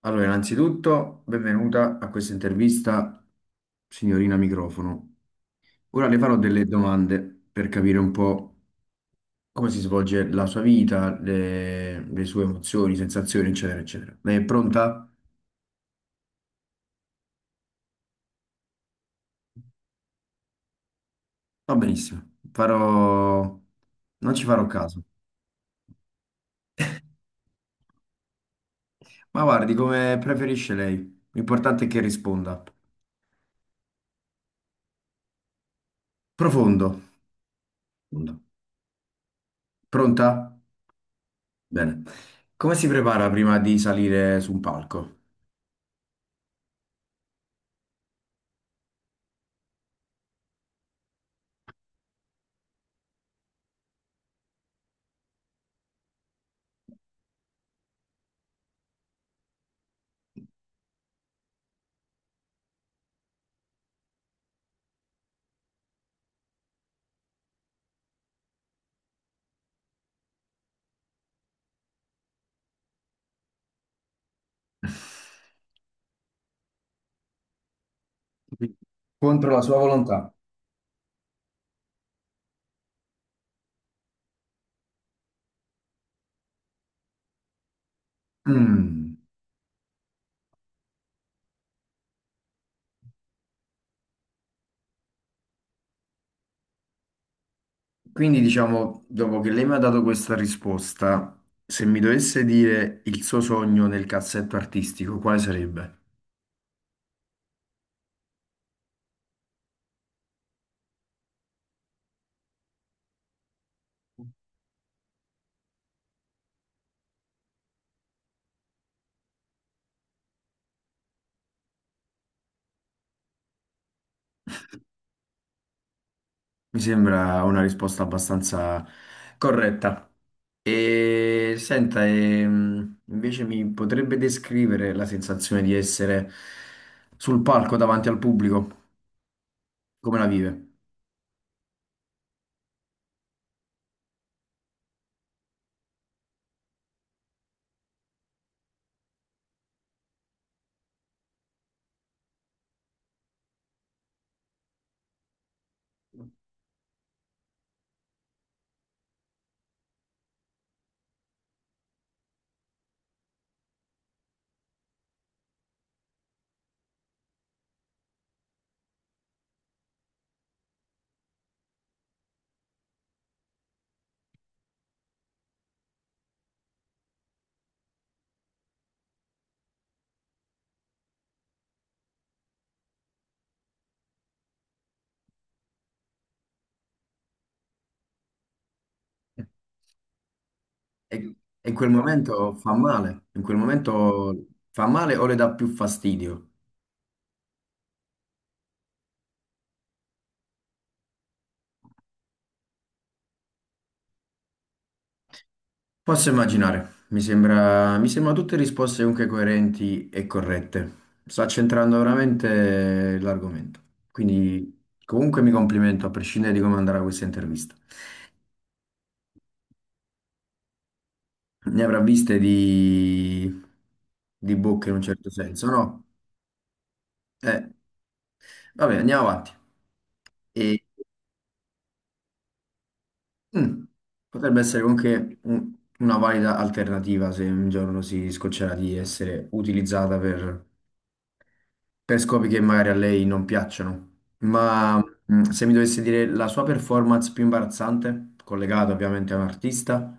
Allora, innanzitutto, benvenuta a questa intervista, signorina microfono. Ora le farò delle domande per capire un po' come si svolge la sua vita, le sue emozioni, sensazioni, eccetera, eccetera. Lei è pronta? Va benissimo. Farò... Non ci farò caso. Ma guardi, come preferisce lei. L'importante è che risponda. Profondo. Profondo. Pronta? Bene. Come si prepara prima di salire su un palco? Contro la sua volontà. Mm. Quindi diciamo, dopo che lei mi ha dato questa risposta, se mi dovesse dire il suo sogno nel cassetto artistico, quale sarebbe? Mi sembra una risposta abbastanza corretta. E senta, invece mi potrebbe descrivere la sensazione di essere sul palco davanti al pubblico, come la vive? E, e in quel momento fa male, in quel momento fa male o le dà più fastidio? Posso immaginare, mi sembra tutte risposte comunque coerenti e corrette. Sta centrando veramente l'argomento. Quindi comunque mi complimento a prescindere di come andrà questa intervista. Ne avrà viste di bocche in un certo senso, no? Eh, vabbè, andiamo avanti. E, mm, potrebbe essere comunque una valida alternativa se un giorno si scoccerà di essere utilizzata per scopi che magari a lei non piacciono. Ma se mi dovesse dire la sua performance più imbarazzante, collegata ovviamente a un artista,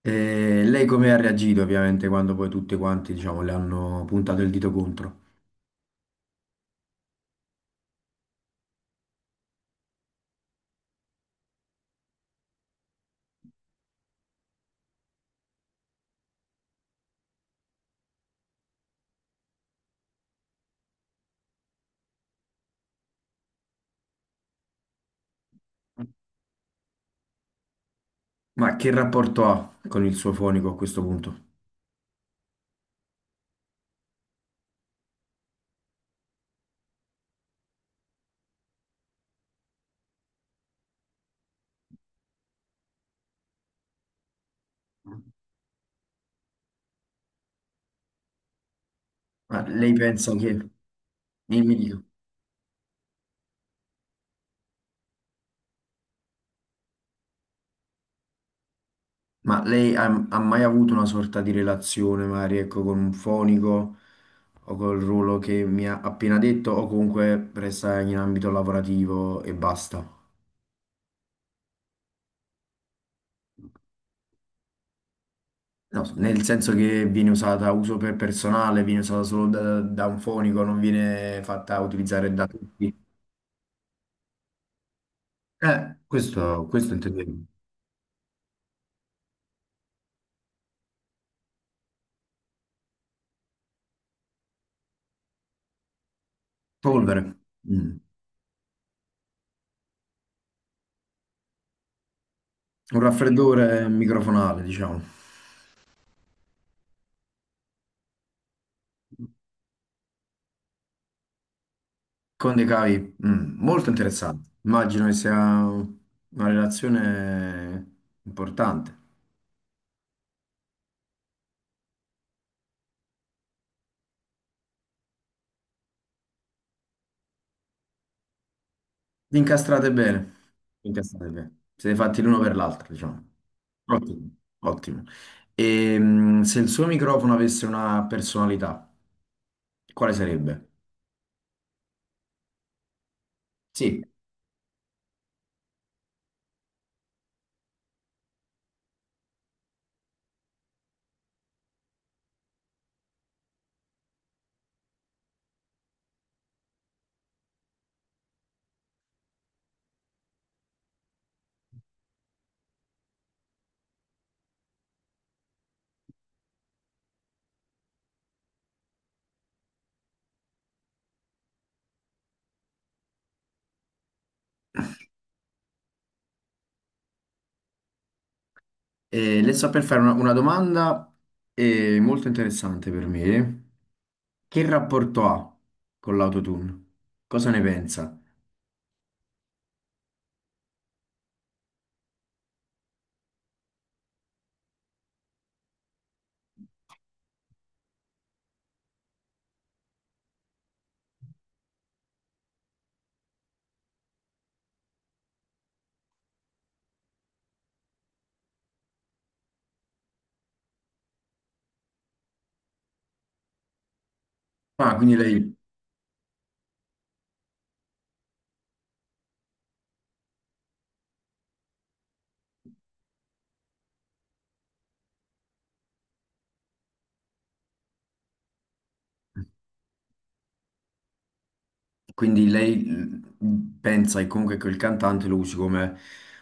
e lei come ha reagito ovviamente quando poi tutti quanti, diciamo, le hanno puntato il dito contro. Ma che rapporto ha con il suo fonico a questo punto? Ma lei pensa che... Mi dica. Ma lei ha, ha mai avuto una sorta di relazione, magari, ecco, con un fonico o col ruolo che mi ha appena detto, o comunque resta in ambito lavorativo e basta? No, nel senso che viene usata a uso per personale, viene usata solo da un fonico, non viene fatta utilizzare da tutti. Questo intendevo. Polvere. Mm. Un raffreddore microfonale, diciamo. Con dei cavi, mm, molto interessante. Immagino che sia una relazione importante. Vi incastrate bene. Vi Incastrate bene. Siete fatti l'uno per l'altro, diciamo. Ottimo, ottimo. E, mm, se il suo microfono avesse una personalità, quale sarebbe? Sì, le sto per fare una domanda molto interessante per me. Che rapporto ha con l'autotune? Cosa ne pensa? Ah, quindi lei. Quindi lei pensa che comunque quel cantante lo usi come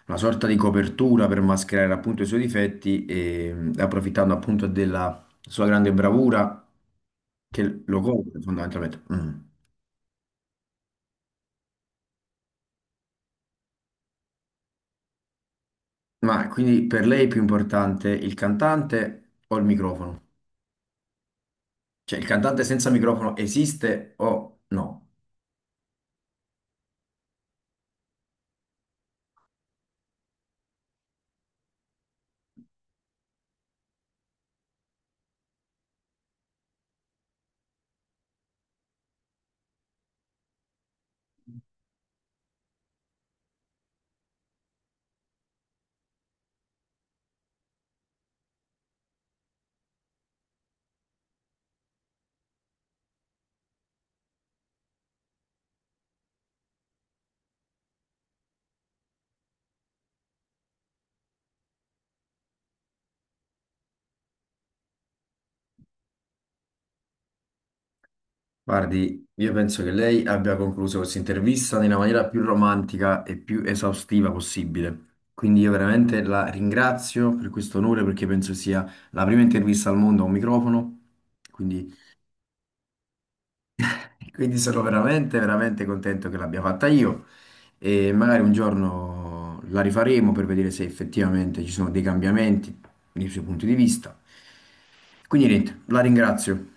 una sorta di copertura per mascherare appunto i suoi difetti e approfittando appunto della sua grande bravura che lo copre fondamentalmente. Mm. Ma quindi per lei è più importante il cantante o il microfono? Cioè il cantante senza microfono esiste o no? Guardi, io penso che lei abbia concluso questa intervista nella maniera più romantica e più esaustiva possibile. Quindi io veramente la ringrazio per questo onore perché penso sia la prima intervista al mondo a un microfono. Quindi, quindi sono veramente, veramente contento che l'abbia fatta io. E magari un giorno la rifaremo per vedere se effettivamente ci sono dei cambiamenti nei suoi punti di vista. Quindi niente, la ringrazio.